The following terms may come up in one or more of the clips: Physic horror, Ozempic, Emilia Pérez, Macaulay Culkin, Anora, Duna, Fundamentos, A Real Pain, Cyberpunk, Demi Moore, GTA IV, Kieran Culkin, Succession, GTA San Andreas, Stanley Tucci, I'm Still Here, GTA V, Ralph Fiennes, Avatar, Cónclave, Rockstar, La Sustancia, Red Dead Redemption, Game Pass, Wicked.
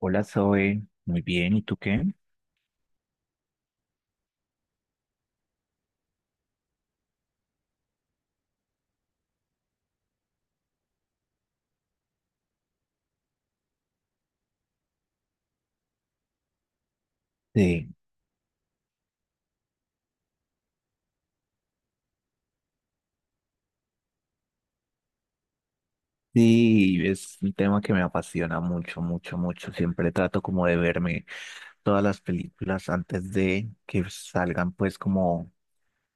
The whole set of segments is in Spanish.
Hola Zoe, muy bien, ¿y tú qué? Sí, sí, es un tema que me apasiona mucho, mucho, mucho. Siempre trato como de verme todas las películas antes de que salgan, pues como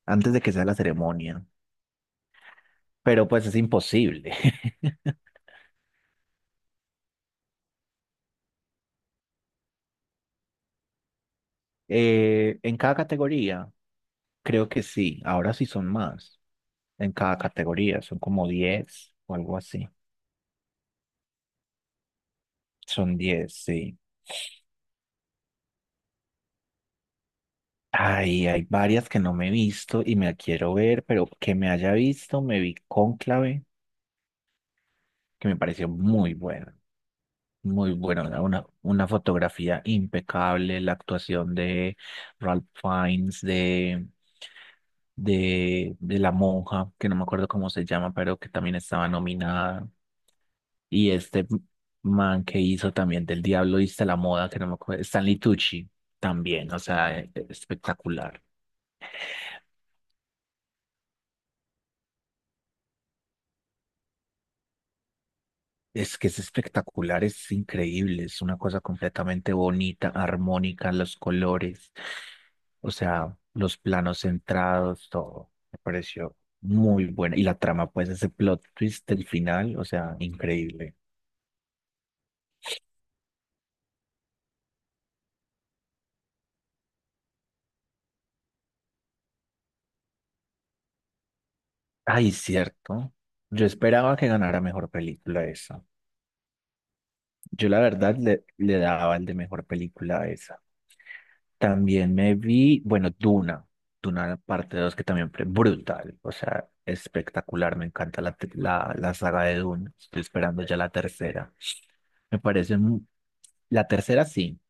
antes de que sea la ceremonia, pero pues es imposible. En cada categoría, creo que sí, ahora sí son más. En cada categoría, son como 10 o algo así. Son 10, sí. Ay, hay varias que no me he visto y me la quiero ver, pero que me haya visto, me vi Cónclave, que me pareció muy buena, una fotografía impecable, la actuación de Ralph Fiennes, de, de la monja, que no me acuerdo cómo se llama, pero que también estaba nominada, y este man que hizo también del Diablo viste la moda, que no me acuerdo, Stanley Tucci, también, o sea, e- espectacular. Es que es espectacular, es increíble, es una cosa completamente bonita, armónica, los colores, o sea, los planos centrados, todo. Me pareció muy buena. Y la trama, pues ese plot twist del final, o sea, increíble. Ay, cierto. Yo esperaba que ganara mejor película esa. Yo la verdad le, le daba el de mejor película a esa. También me vi, bueno, Duna parte dos que también fue brutal, o sea, espectacular, me encanta la saga de Duna, estoy esperando ya la tercera. Me parece, mu- la tercera sí,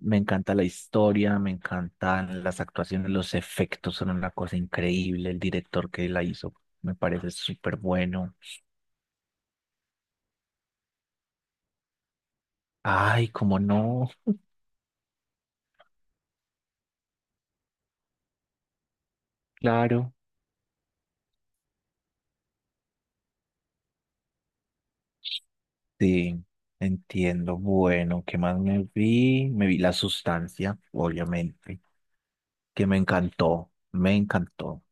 me encanta la historia, me encantan las actuaciones, los efectos son una cosa increíble, el director que la hizo me parece súper bueno. Ay, cómo no, claro. Sí, entiendo. Bueno, ¿qué más me vi? Me vi La Sustancia, obviamente, que me encantó, me encantó,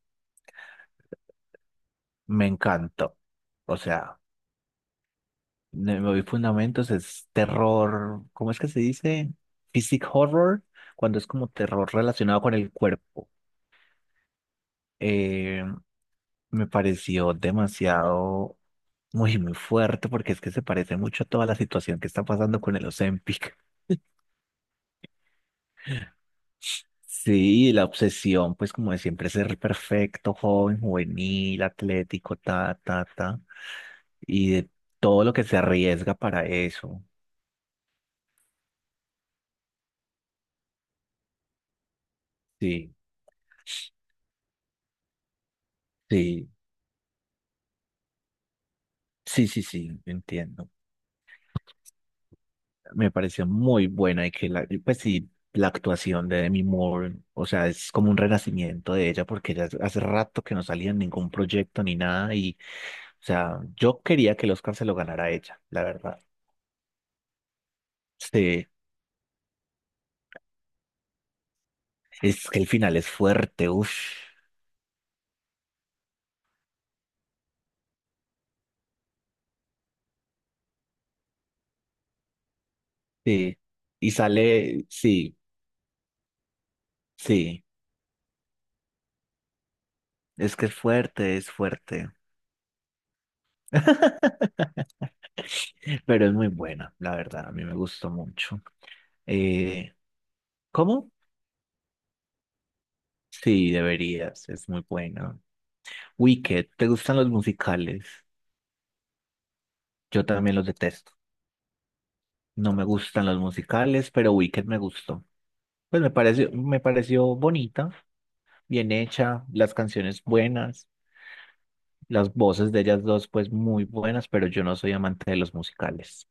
me encantó. O sea, me vi Fundamentos, es terror, ¿cómo es que se dice? Physic horror, cuando es como terror relacionado con el cuerpo. Eh, Me pareció demasiado, muy, muy fuerte, porque es que se parece mucho a toda la situación que está pasando con el Ozempic. Sí, la obsesión, pues como de siempre ser perfecto, joven, juvenil, atlético, ta, ta, ta, y de todo lo que se arriesga para eso. Sí, sí, sí, sí, sí, entiendo. Me pareció muy buena y que la, y pues sí, la actuación de Demi Moore, o sea, es como un renacimiento de ella porque ella hace rato que no salía en ningún proyecto ni nada y, o sea, yo quería que el Oscar se lo ganara ella, la verdad. Sí. Es que el final es fuerte, uff. Sí. Y sale, sí, sí. Es que es fuerte, es fuerte. Pero es muy buena, la verdad. A mí me gustó mucho. Eh, ¿Cómo? Sí, deberías. Es muy buena. Wicked, ¿te gustan los musicales? Yo también los detesto. No me gustan los musicales, pero Wicked me gustó. Pues me pareció bonita, bien hecha, las canciones buenas. Las voces de ellas dos, pues muy buenas, pero yo no soy amante de los musicales.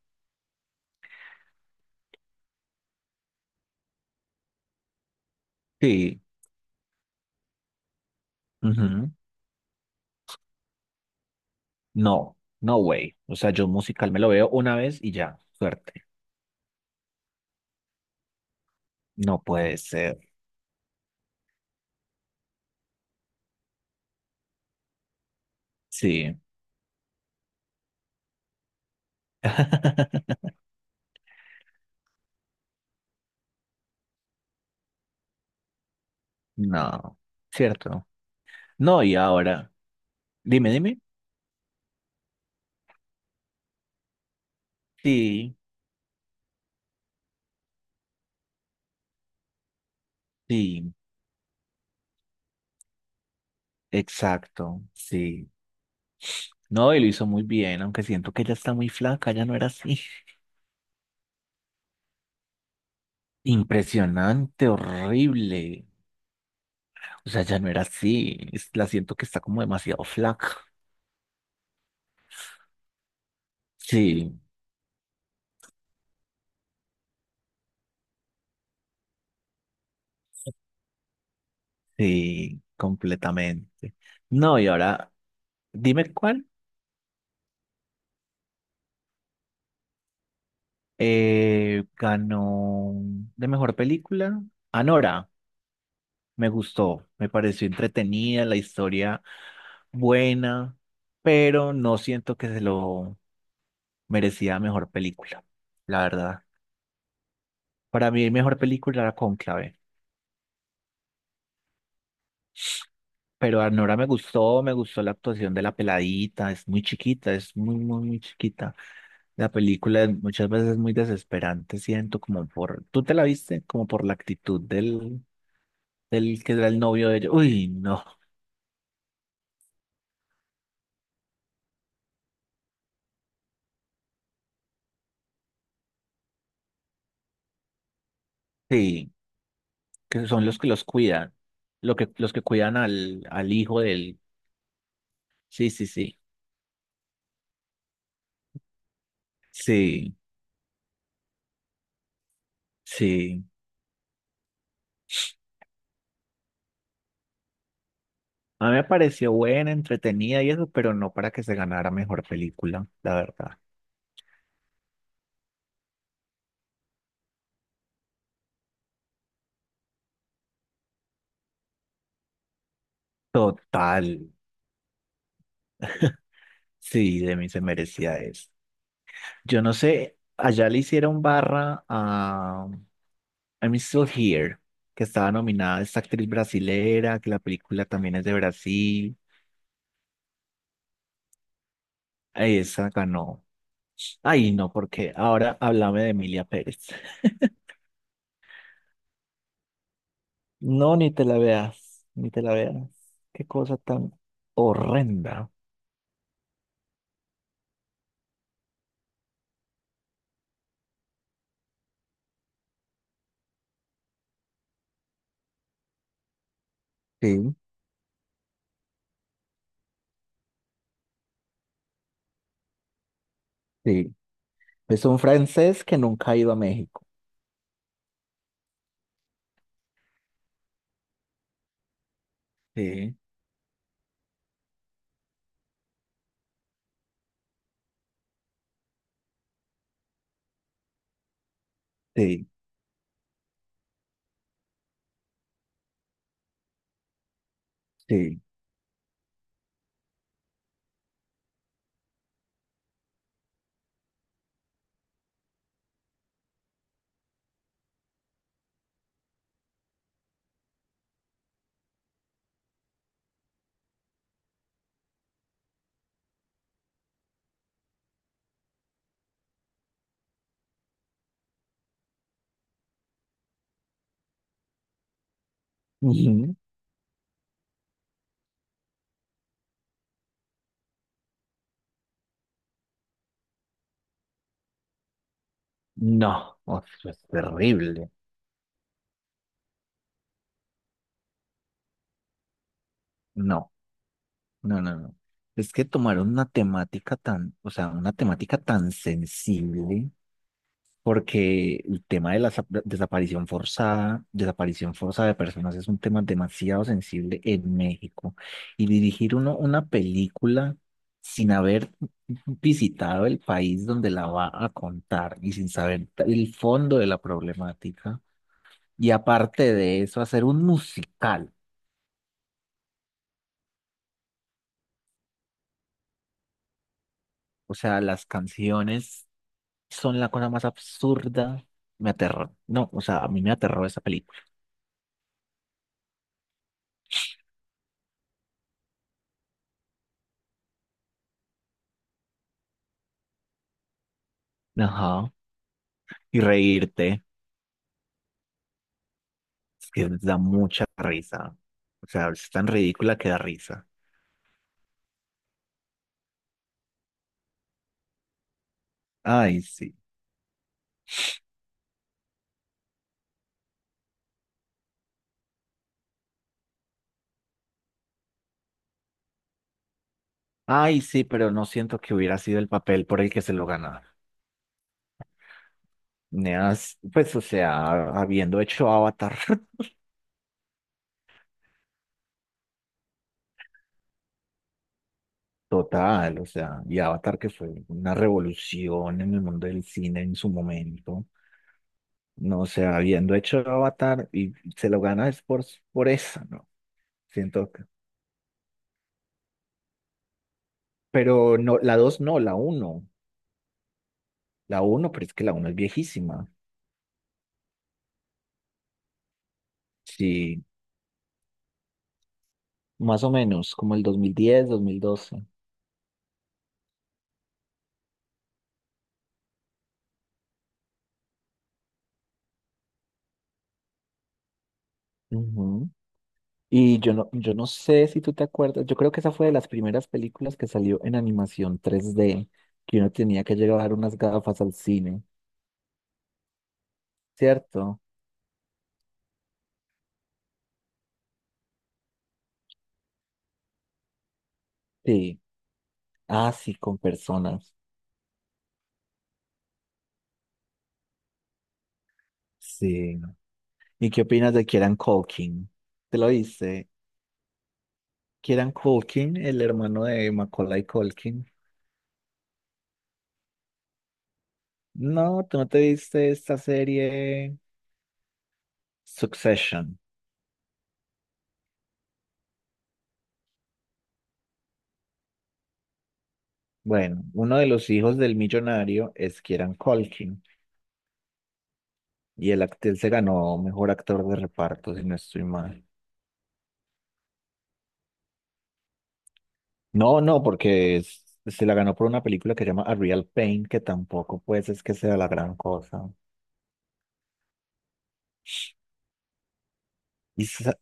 Sí, ujú. No, no way. O sea, yo un musical me lo veo una vez y ya, suerte. No puede ser. Sí. No, cierto. No, y ahora, dime, dime. Sí, sí, exacto, sí. No, y lo hizo muy bien, aunque siento que ella está muy flaca, ya no era así. Impresionante, horrible. O sea, ya no era así. La siento que está como demasiado flaca. Sí, sí, completamente. No, y ahora, dime cuál ganó de mejor película. Anora, me gustó, me pareció entretenida, la historia buena, pero no siento que se lo merecía mejor película, la verdad. Para mí, mejor película era Cónclave, pero Anora me gustó la actuación de la peladita, es muy chiquita, es muy, muy, muy chiquita. La película es muchas veces es muy desesperante, siento como por, ¿tú te la viste? Como por la actitud del, del que era el novio de ellos. Uy, no, sí, que son los que los cuidan, lo que, los que cuidan al, al hijo del, sí, sí, sí, sí, sí. A mí me pareció buena, entretenida y eso, pero no para que se ganara mejor película, la verdad. Total, sí, de mí se merecía eso. Yo no sé, allá le hicieron barra I'm Still Here, que estaba nominada esta actriz brasilera, que la película también es de Brasil. Ay, esa ganó. Ay, no, porque ahora háblame de Emilia Pérez. No, ni te la veas, ni te la veas. Qué cosa tan horrenda. Sí, sí. Es un francés que nunca ha ido a México. Sí, sí, sí. Ujú. No, o sea, es terrible. No. No, no, no. Es que tomaron una temática tan, o sea, una temática tan sensible, porque el tema de la desaparición forzada de personas es un tema demasiado sensible en México. Y dirigir uno una película sin haber visitado el país donde la va a contar y sin saber el fondo de la problemática. Y aparte de eso, hacer un musical. O sea, las canciones son la cosa más absurda. Me aterró. No, o sea, a mí me aterró esa película. Ajá. Y reírte, es que da mucha risa. O sea, es tan ridícula que da risa. Ay, sí. Ay, sí, pero no siento que hubiera sido el papel por el que se lo ganara. Me has- Pues, o sea, habiendo hecho Avatar total, o sea, y Avatar que fue una revolución en el mundo del cine en su momento. No, o sea, habiendo hecho Avatar y se lo gana es por eso, ¿no? Siento que- Pero no, la 2 no, la uno. La uno pero es que la uno es viejísima. Sí, más o menos, como el 2010, 2012. Ujú. Y yo no, yo no sé si tú te acuerdas, yo creo que esa fue de las primeras películas que salió en animación 3D que uno tenía que llevar unas gafas al cine, ¿cierto? Sí, ah, sí, con personas. Sí. ¿Y qué opinas de Kieran Culkin? ¿Te lo viste? Kieran Culkin, el hermano de Macaulay Culkin. No, tú no te viste esta serie Succession. Bueno, uno de los hijos del millonario es Kieran Culkin y el actor se ganó mejor actor de reparto, si no estoy mal. No, no, porque es- se la ganó por una película que se llama A Real Pain, que tampoco pues es que sea la gran cosa. Y sa-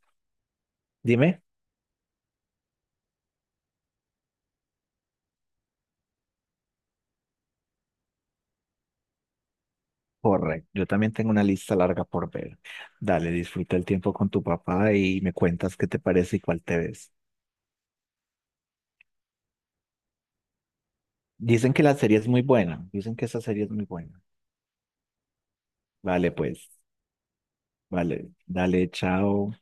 dime, correcto, yo también tengo una lista larga por ver. Dale, disfruta el tiempo con tu papá y me cuentas qué te parece y cuál te ves. Dicen que la serie es muy buena, dicen que esa serie es muy buena. Vale, pues, vale. Dale, chao.